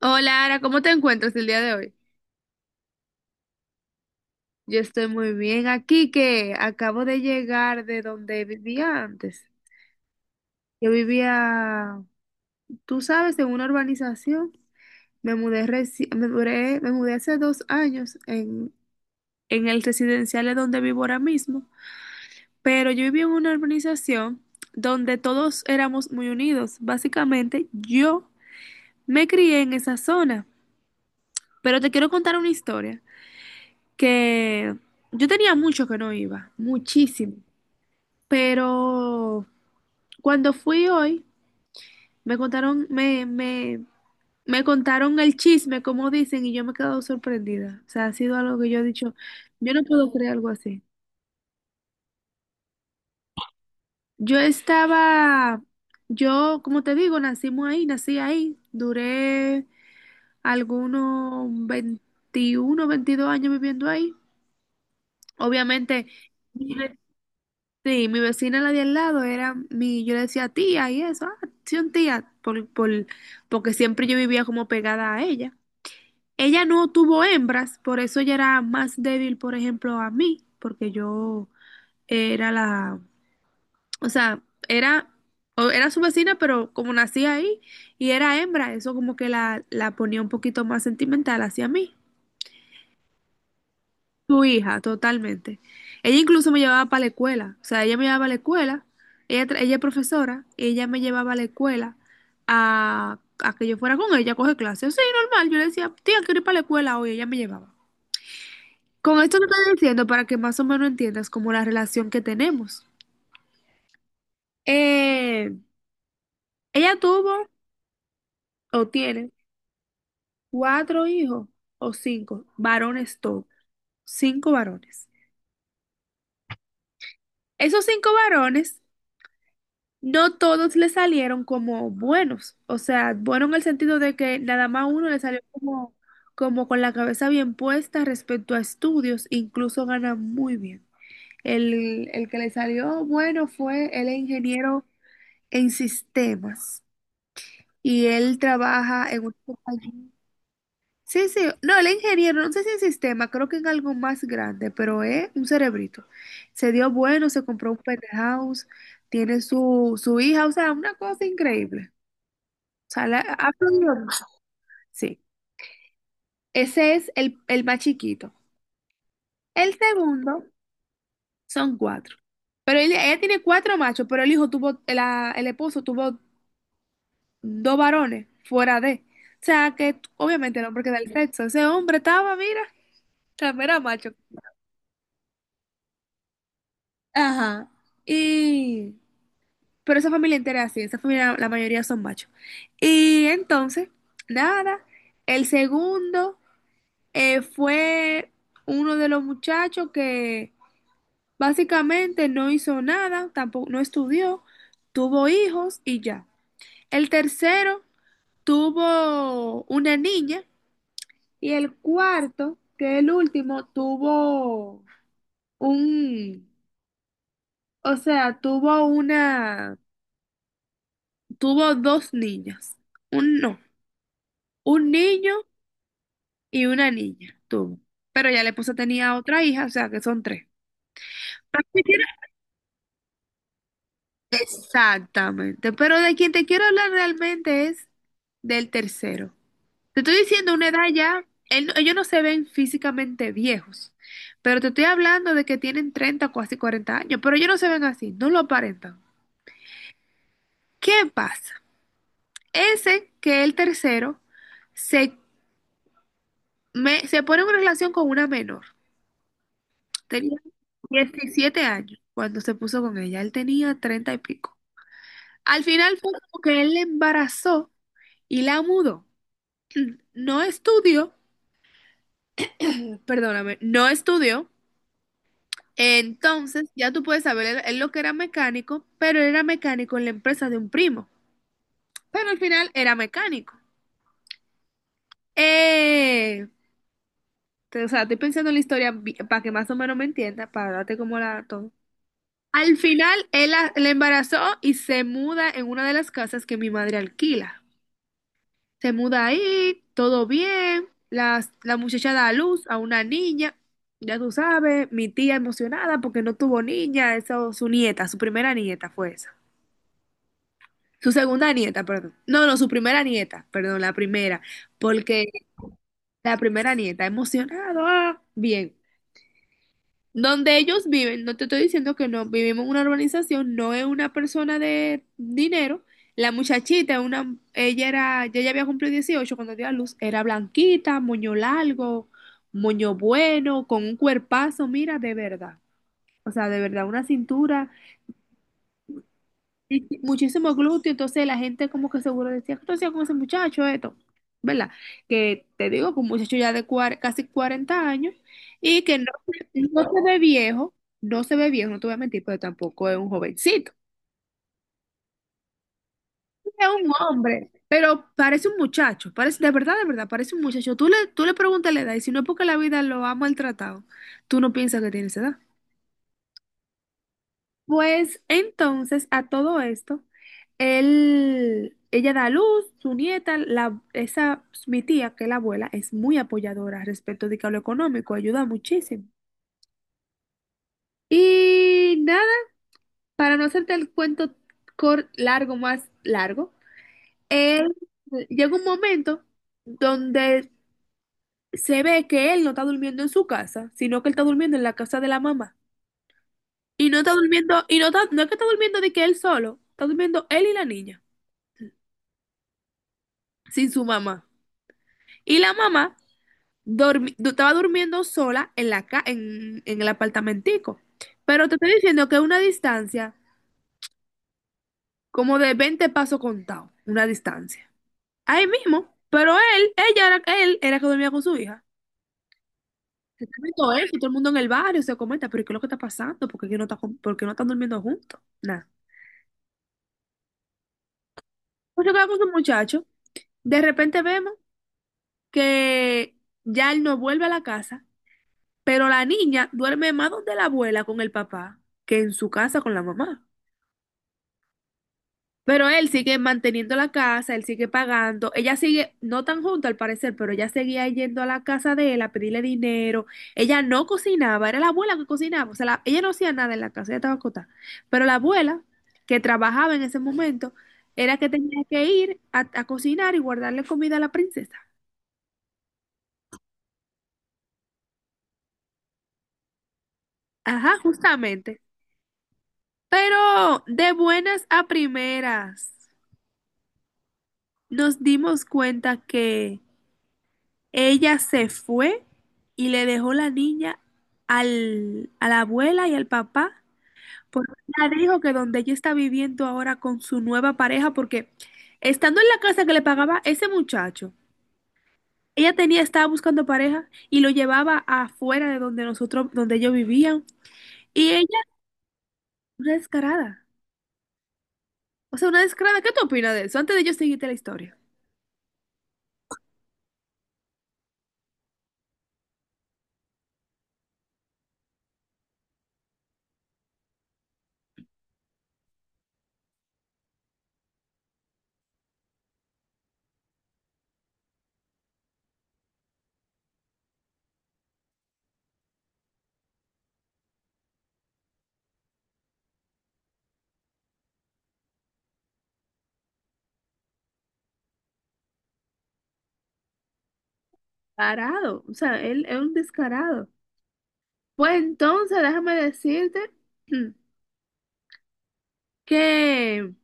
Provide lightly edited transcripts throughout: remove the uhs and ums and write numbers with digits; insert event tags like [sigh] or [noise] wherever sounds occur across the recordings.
Hola, Ara, ¿cómo te encuentras el día de hoy? Yo estoy muy bien aquí, que acabo de llegar de donde vivía antes. Yo vivía, tú sabes, en una urbanización. Me mudé, reci- me mudé hace 2 años en el residencial de donde vivo ahora mismo. Pero yo vivía en una urbanización donde todos éramos muy unidos. Básicamente, yo me crié en esa zona. Pero te quiero contar una historia. Que yo tenía mucho que no iba, muchísimo, pero cuando fui hoy, me contaron, me, me, me contaron el chisme, como dicen, y yo me he quedado sorprendida. O sea, ha sido algo que yo he dicho, yo no puedo creer algo así. Yo estaba, yo, como te digo, nacimos ahí, nací ahí, duré algunos 21 22 años viviendo ahí. Obviamente, sí, mi vecina la de al lado era mi, yo le decía tía y eso, ah, sí, un tía, porque siempre yo vivía como pegada a ella. Ella no tuvo hembras, por eso ella era más débil, por ejemplo, a mí, porque yo era la, o sea, era, era su vecina, pero como nací ahí y era hembra, eso como que la ponía un poquito más sentimental hacia mí. Tu hija, totalmente. Ella incluso me llevaba para la escuela. O sea, ella me llevaba a la escuela. Ella es profesora. Ella me llevaba a la escuela a que yo fuera con ella a coger clases. Sí, normal. Yo le decía, tía, quiero ir para la escuela hoy. Ella me llevaba. Con esto te estoy diciendo para que más o menos entiendas como la relación que tenemos. Eh, ella tuvo o tiene cuatro hijos o cinco varones todos. Cinco varones. Esos cinco varones. No todos le salieron como buenos, o sea, bueno en el sentido de que nada más uno le salió como, con la cabeza bien puesta respecto a estudios, incluso gana muy bien. El que le salió bueno fue el ingeniero en sistemas y él trabaja en una compañía. Sí, sí, no, el ingeniero, no sé si en sistema, creo que en algo más grande, pero es un cerebrito. Se dio bueno, se compró un penthouse, tiene su hija, o sea, una cosa increíble. Ha fluido más. Sí, ese es el más chiquito. El segundo son cuatro. Ella tiene cuatro machos, pero el hijo tuvo, el esposo tuvo dos varones fuera de. O sea, que obviamente el hombre queda el sexo. Ese hombre estaba, mira, también era macho. Ajá. Y... Pero esa familia entera es así, esa familia la mayoría son machos. Y entonces, nada, el segundo fue uno de los muchachos que básicamente no hizo nada, tampoco no estudió, tuvo hijos y ya. El tercero tuvo una niña y el cuarto, que es el último, tuvo un, o sea, tuvo una, tuvo dos niñas. Un no, un niño y una niña tuvo. Pero ya la esposa tenía otra hija, o sea que son tres. Pero te quiero- Exactamente, pero de quien te quiero hablar realmente es del tercero. Te estoy diciendo una edad ya, él no- ellos no se ven físicamente viejos, pero te estoy hablando de que tienen 30 o casi 40 años, pero ellos no se ven así, no lo aparentan. ¿Qué pasa? Ese que el tercero se, se pone en una relación con una menor. Tenía 17 años cuando se puso con ella, él tenía 30 y pico. Al final fue como que él la embarazó y la mudó. No estudió, perdóname, no estudió. Entonces, ya tú puedes saber, él lo que era mecánico, pero él era mecánico en la empresa de un primo, pero al final era mecánico. Eh, o sea, estoy pensando en la historia para que más o menos me entienda, para darte como la todo. Al final, él la embarazó y se muda en una de las casas que mi madre alquila. Se muda ahí, todo bien, la muchacha da a luz a una niña, ya tú sabes, mi tía emocionada porque no tuvo niña, eso, su nieta, su primera nieta fue esa. Su segunda nieta, perdón. No, no, su primera nieta, perdón, la primera, porque la primera nieta, emocionado, ah, bien. Donde ellos viven, no te estoy diciendo que no, vivimos en una urbanización, no es una persona de dinero. La muchachita, una, ella era, ya había cumplido 18 cuando dio a luz, era blanquita, moño largo, moño bueno, con un cuerpazo, mira, de verdad. O sea, de verdad, una cintura y muchísimo glúteo, entonces la gente como que seguro decía, ¿qué tú hacías con ese muchacho esto? ¿Verdad? Que te digo que un muchacho ya de casi 40 años y que no, no se ve viejo, no se ve viejo, no te voy a mentir, pero tampoco es un jovencito, es un hombre, pero parece un muchacho, parece, de verdad, parece un muchacho. Tú le preguntas la edad y si no es porque la vida lo ha maltratado, tú no piensas que tiene esa edad. Pues entonces a todo esto, él, ella da a luz, su nieta, la, esa, mi tía, que es la abuela, es muy apoyadora respecto de que a lo económico, ayuda muchísimo. Y nada, para no hacerte el cuento largo más largo, él llega un momento donde se ve que él no está durmiendo en su casa, sino que él está durmiendo en la casa de la mamá. Y no está durmiendo, y no, no es que está durmiendo de que él solo, está durmiendo él y la niña, sin su mamá. Y la mamá estaba durmiendo sola en la ca- en el apartamentico. Pero te estoy diciendo que una distancia como de 20 pasos contados, una distancia. Ahí mismo. Pero él, ella era, él era que dormía con su hija. Se está viendo eso, todo el mundo en el barrio se comenta, pero ¿qué es lo que está pasando? ¿Por qué no por qué no están durmiendo juntos? Nada. Pues yo quedaba con su muchacho. De repente vemos que ya él no vuelve a la casa. Pero la niña duerme más donde la abuela con el papá que en su casa con la mamá. Pero él sigue manteniendo la casa, él sigue pagando. Ella sigue, no tan junto al parecer, pero ella seguía yendo a la casa de él a pedirle dinero. Ella no cocinaba, era la abuela que cocinaba. O sea, ella no hacía nada en la casa, ella estaba acotada. Pero la abuela, que trabajaba en ese momento, era que tenía que ir a cocinar y guardarle comida a la princesa. Ajá, justamente. Pero de buenas a primeras, nos dimos cuenta que ella se fue y le dejó la niña al, a la abuela y al papá, porque ella dijo que donde ella está viviendo ahora con su nueva pareja, porque estando en la casa que le pagaba ese muchacho, ella tenía, estaba buscando pareja y lo llevaba afuera de donde nosotros, donde ellos vivían. Y ella, una descarada. O sea, una descarada. ¿Qué tú opinas de eso? Antes de yo seguirte la historia. Descarado. O sea, él es un descarado. Pues entonces déjame decirte [clears throat] que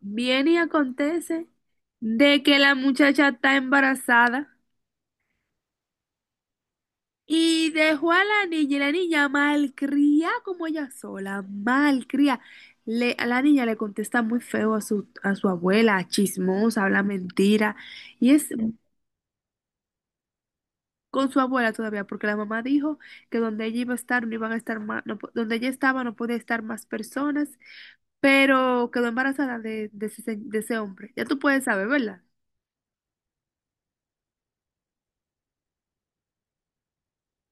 viene y acontece de que la muchacha está embarazada y dejó a la niña y la niña malcría como ella sola, malcría. A la niña le contesta muy feo a su abuela, chismosa, habla mentira y es con su abuela todavía, porque la mamá dijo que donde ella iba a estar no iban a estar más, donde ella estaba no podía estar más personas, pero quedó embarazada de ese, de ese hombre. Ya tú puedes saber, ¿verdad?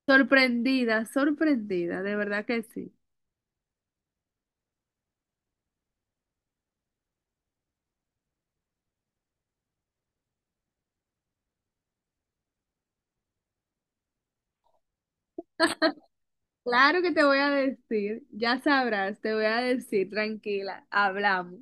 Sorprendida, sorprendida, de verdad que sí. Claro que te voy a decir, ya sabrás, te voy a decir, tranquila, hablamos.